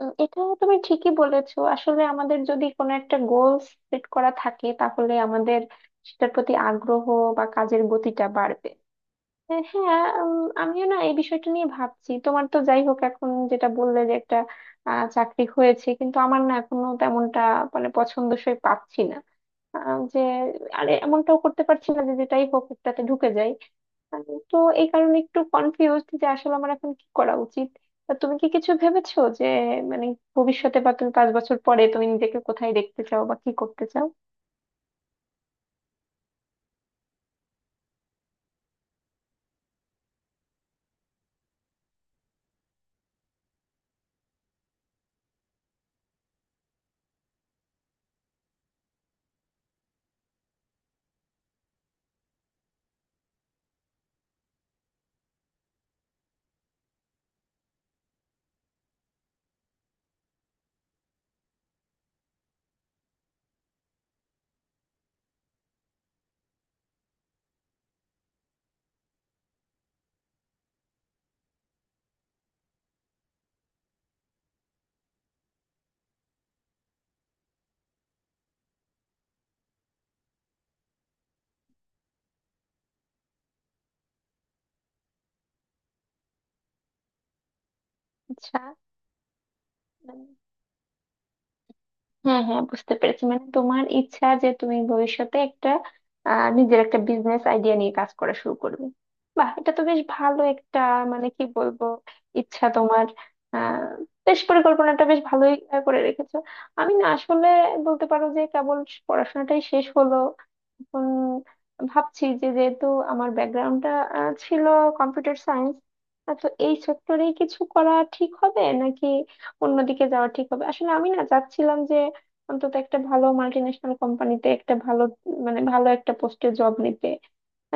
এটা তুমি ঠিকই বলেছো। আসলে আমাদের যদি কোনো একটা গোল সেট করা থাকে, তাহলে আমাদের সেটার প্রতি আগ্রহ বা কাজের গতিটা বাড়বে। হ্যাঁ। আমিও না এই বিষয়টা নিয়ে ভাবছি। তোমার তো যাই হোক এখন যেটা বললে যে একটা চাকরি হয়েছে, কিন্তু আমার না এখনো তেমনটা মানে পছন্দসই পাচ্ছি না। আহ, যে আরে এমনটাও করতে পারছি না যে যেটাই হোক একটাতে ঢুকে যাই। আহ, তো এই কারণে একটু কনফিউজড যে আসলে আমার এখন কি করা উচিত। তা তুমি কি কিছু ভেবেছো যে মানে ভবিষ্যতে বা তুমি পাঁচ বছর পরে তুমি নিজেকে কোথায় দেখতে চাও বা কি করতে চাও? আচ্ছা। হ্যাঁ হ্যাঁ বুঝতে পেরেছি, মানে তোমার ইচ্ছা যে তুমি ভবিষ্যতে একটা নিজের একটা বিজনেস আইডিয়া নিয়ে কাজ করা শুরু করবে। বাহ, এটা তো বেশ ভালো একটা, মানে কি বলবো, ইচ্ছা তোমার। আহ বেশ, পরিকল্পনাটা বেশ ভালোই করে রেখেছো। আমি না আসলে বলতে পারো যে কেবল পড়াশোনাটাই শেষ হলো। এখন ভাবছি যে যেহেতু আমার ব্যাকগ্রাউন্ডটা ছিল কম্পিউটার সায়েন্স, তো এই সেক্টরেই কিছু করা ঠিক হবে নাকি অন্যদিকে যাওয়া ঠিক হবে। আসলে আমি না চাচ্ছিলাম অন্তত একটা ভালো মাল্টি ন্যাশনাল কোম্পানিতে একটা ভালো, মানে ভালো একটা পোস্টে জব নিতে।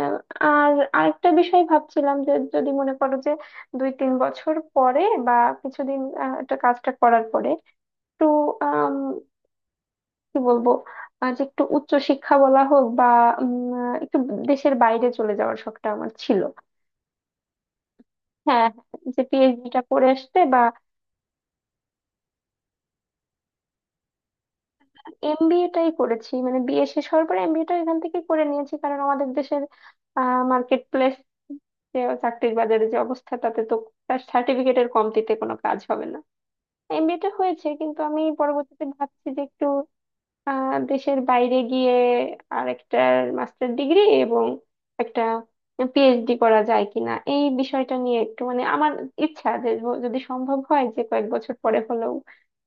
আহ, আর আরেকটা বিষয় ভাবছিলাম যে যদি মনে করো যে 2-3 বছর পরে বা কিছুদিন একটা কাজটা করার পরে একটু আম, কি বলবো, যে একটু উচ্চ শিক্ষা বলা হোক বা উম, একটু দেশের বাইরে চলে যাওয়ার শখটা আমার ছিল। হ্যাঁ, যে পিএইচডিটা করে আসতে বা। এমবিএ টাই করেছি, মানে বিএ শেষ হওয়ার পরে এমবিএ টা এখান থেকে করে নিয়েছি, কারণ আমাদের দেশের মার্কেট প্লেস, যে চাকরির বাজারে যে অবস্থা, তাতে তো তার সার্টিফিকেটের কমতিতে কোনো কাজ হবে না। এমবিএ টা হয়েছে, কিন্তু আমি পরবর্তীতে ভাবছি যে একটু দেশের বাইরে গিয়ে আর একটা মাস্টার ডিগ্রি এবং একটা পিএইচডি করা যায় কিনা, এই বিষয়টা নিয়ে একটু, মানে আমার ইচ্ছা যে যদি সম্ভব হয় যে কয়েক বছর পরে হলেও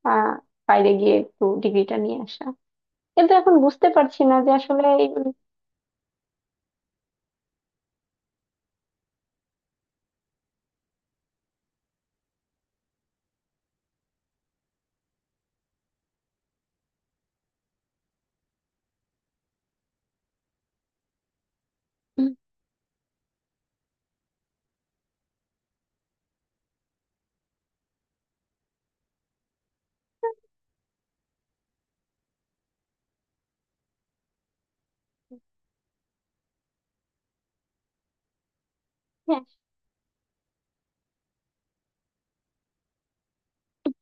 আহ বাইরে গিয়ে একটু ডিগ্রিটা নিয়ে আসা। কিন্তু এখন বুঝতে পারছি না যে আসলে এই মানে। হ্যাঁ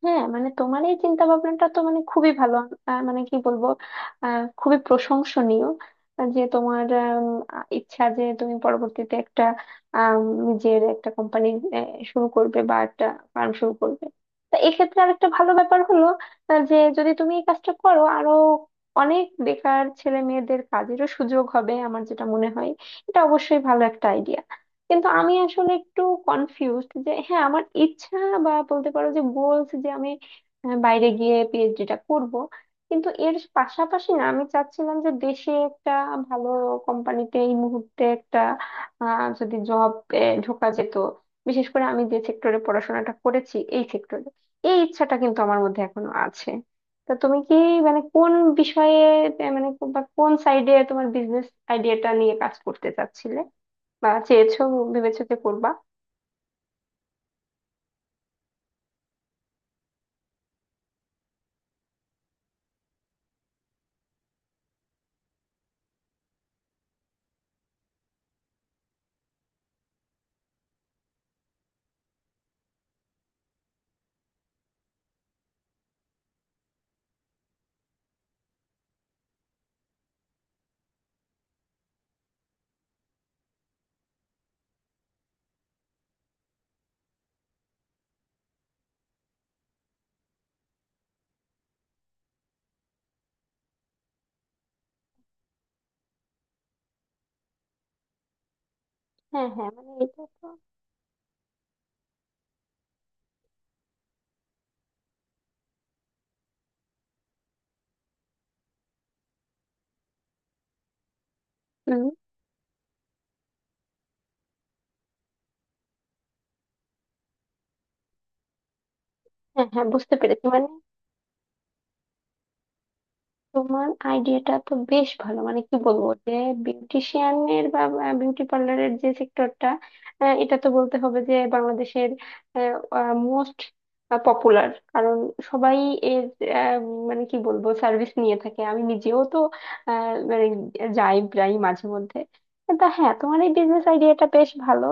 হ্যাঁ মানে তোমার এই চিন্তা ভাবনাটা তো মানে খুবই ভালো, মানে কি বলবো, খুবই প্রশংসনীয়, যে তোমার ইচ্ছা যে তুমি পরবর্তীতে একটা আম, নিজের একটা কোম্পানি শুরু করবে বা একটা ফার্ম শুরু করবে। তো এক্ষেত্রে আর একটা ভালো ব্যাপার হলো, যে যদি তুমি এই কাজটা করো, আরো অনেক বেকার ছেলে মেয়েদের কাজেরও সুযোগ হবে। আমার যেটা মনে হয়, এটা অবশ্যই ভালো একটা আইডিয়া। কিন্তু আমি আসলে একটু কনফিউজড, যে হ্যাঁ, আমার ইচ্ছা বা বলতে পারো যে গোলস, যে আমি বাইরে গিয়ে পিএইচডিটা করব। কিন্তু এর পাশাপাশি না আমি চাচ্ছিলাম যে দেশে একটা ভালো কোম্পানিতে এই মুহূর্তে একটা যদি জব ঢোকা যেত, বিশেষ করে আমি যে সেক্টরে পড়াশোনাটা করেছি এই সেক্টরে। এই ইচ্ছাটা কিন্তু আমার মধ্যে এখনো আছে। তা তুমি কি, মানে কোন বিষয়ে, মানে বা কোন সাইডে তোমার বিজনেস আইডিয়াটা নিয়ে কাজ করতে চাচ্ছিলে বা চেয়েছো, ভেবেছো যে করবা? হ্যাঁ হ্যাঁ মানে এটা তো। হম। হ্যাঁ হ্যাঁ বুঝতে পেরেছি মানে। তোমার আইডিয়াটা তো বেশ ভালো। মানে কি বলবো যে বিউটিশিয়ানের বা বিউটি পার্লারের যে সেক্টরটা, এটা তো বলতে হবে যে বাংলাদেশের মোস্ট পপুলার। কারণ সবাই এর আহ, মানে কি বলবো সার্ভিস নিয়ে থাকে। আমি নিজেও তো মানে যাই প্রায় মাঝে মধ্যে। তা হ্যাঁ, তোমার এই বিজনেস আইডিয়াটা বেশ ভালো।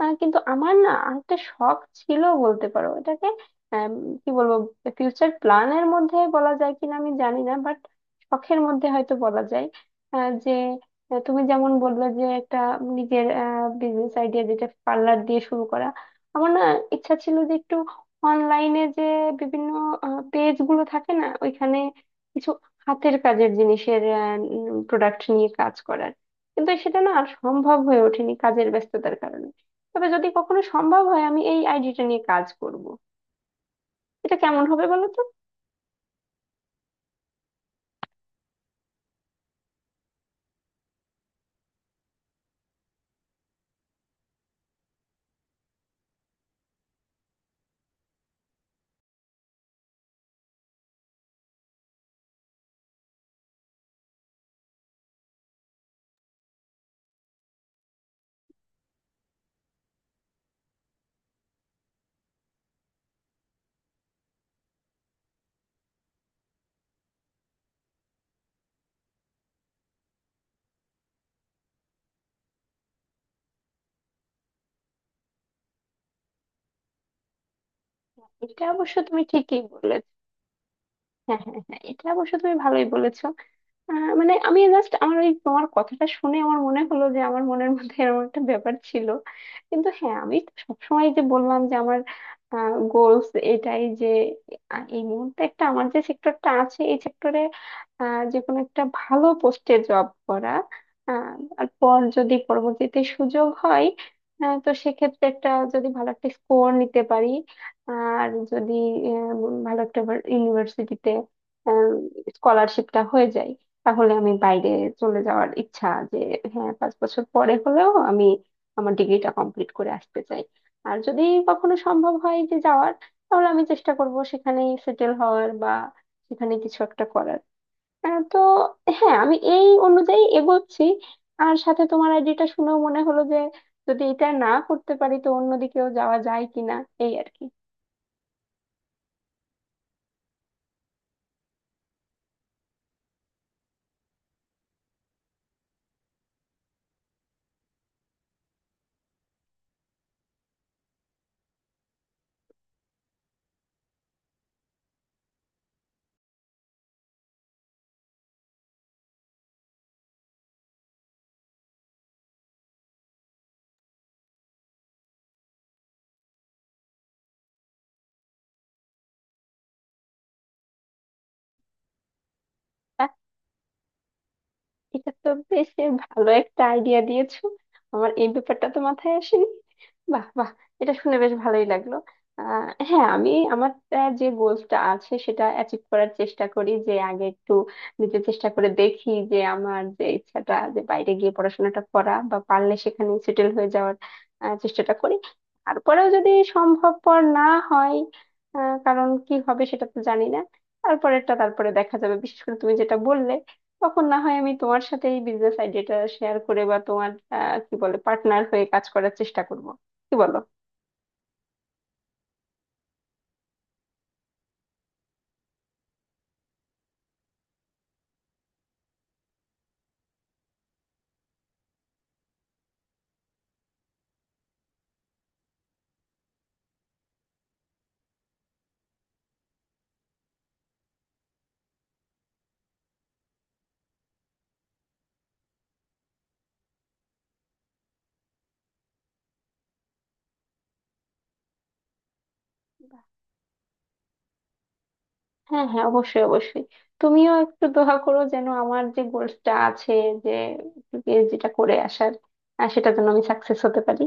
কিন্তু আমার না আরেকটা শখ ছিল, বলতে পারো এটাকে আম, কি বলবো, ফিউচার প্ল্যানের মধ্যে বলা যায় কিনা আমি জানি না, শখের মধ্যে হয়তো বলা যায়। আহ, যে তুমি যেমন বললে যে একটা নিজের বিজনেস আইডিয়া যেটা পার্লার দিয়ে শুরু করা, আমার না ইচ্ছা ছিল যে একটু অনলাইনে যে বিভিন্ন পেজ গুলো থাকে না, ওইখানে কিছু হাতের কাজের জিনিসের প্রোডাক্ট নিয়ে কাজ করার। কিন্তু সেটা না আর সম্ভব হয়ে ওঠেনি কাজের ব্যস্ততার কারণে। তবে যদি কখনো সম্ভব হয়, আমি এই আইডিটা নিয়ে কাজ করব। এটা কেমন হবে বলো তো? এটা অবশ্য তুমি ঠিকই বললে। হ্যাঁ হ্যাঁ হ্যাঁ, এটা অবশ্য তুমি ভালোই বলেছো। মানে আমি জাস্ট আমার ওই তোমার কথাটা শুনে আমার মনে হলো যে আমার মনের মধ্যে এরকম একটা ব্যাপার ছিল। কিন্তু হ্যাঁ আমি তো সবসময় যে বললাম যে আমার গোলস এটাই যে এই মুহূর্তে একটা আমার যে সেক্টরটা আছে এই সেক্টরে যে কোনো একটা ভালো পোস্টে জব করা। আহ, আর পর যদি পরবর্তীতে সুযোগ হয়, তো সেক্ষেত্রে একটা যদি ভালো একটা স্কোর নিতে পারি, আর যদি ভালো একটা ইউনিভার্সিটিতে স্কলারশিপটা হয়ে যায়, তাহলে আমি বাইরে চলে যাওয়ার ইচ্ছা যে হ্যাঁ, 5 বছর পরে হলেও আমি আমার ডিগ্রিটা কমপ্লিট করে আসতে চাই। আর যদি কখনো সম্ভব হয় যে যাওয়ার, তাহলে আমি চেষ্টা করব সেখানেই সেটেল হওয়ার বা সেখানে কিছু একটা করার। আহ, তো হ্যাঁ আমি এই অনুযায়ী এগোচ্ছি। আর সাথে তোমার আইডিটা শুনেও মনে হলো যে যদি এটা না করতে পারি তো অন্যদিকেও যাওয়া যায় কিনা, এই আর কি। এটা তো বেশ ভালো একটা আইডিয়া দিয়েছো। আমার এই ব্যাপারটা তো মাথায় আসেনি। বাহ বাহ, এটা শুনে বেশ ভালোই লাগলো। হ্যাঁ, আমি আমার যে গোলসটা আছে সেটা অ্যাচিভ করার চেষ্টা করি, যে আগে একটু নিজে চেষ্টা করে দেখি যে আমার যে ইচ্ছাটা যে বাইরে গিয়ে পড়াশোনাটা করা বা পারলে সেখানে সেটেল হয়ে যাওয়ার চেষ্টাটা করি। তারপরেও যদি সম্ভবপর না হয়, কারণ কি হবে সেটা তো জানি না। তারপরেরটা তারপরে দেখা যাবে, বিশেষ করে তুমি যেটা বললে। তখন না হয় আমি তোমার সাথে এই বিজনেস আইডিয়াটা শেয়ার করে বা তোমার কি বলে পার্টনার হয়ে কাজ করার চেষ্টা করব। কি বলো? হ্যাঁ হ্যাঁ অবশ্যই অবশ্যই। তুমিও একটু দোয়া করো যেন আমার যে গোলসটা আছে, যে পিএইচডিটা করে আসার, সেটা যেন আমি সাকসেস হতে পারি।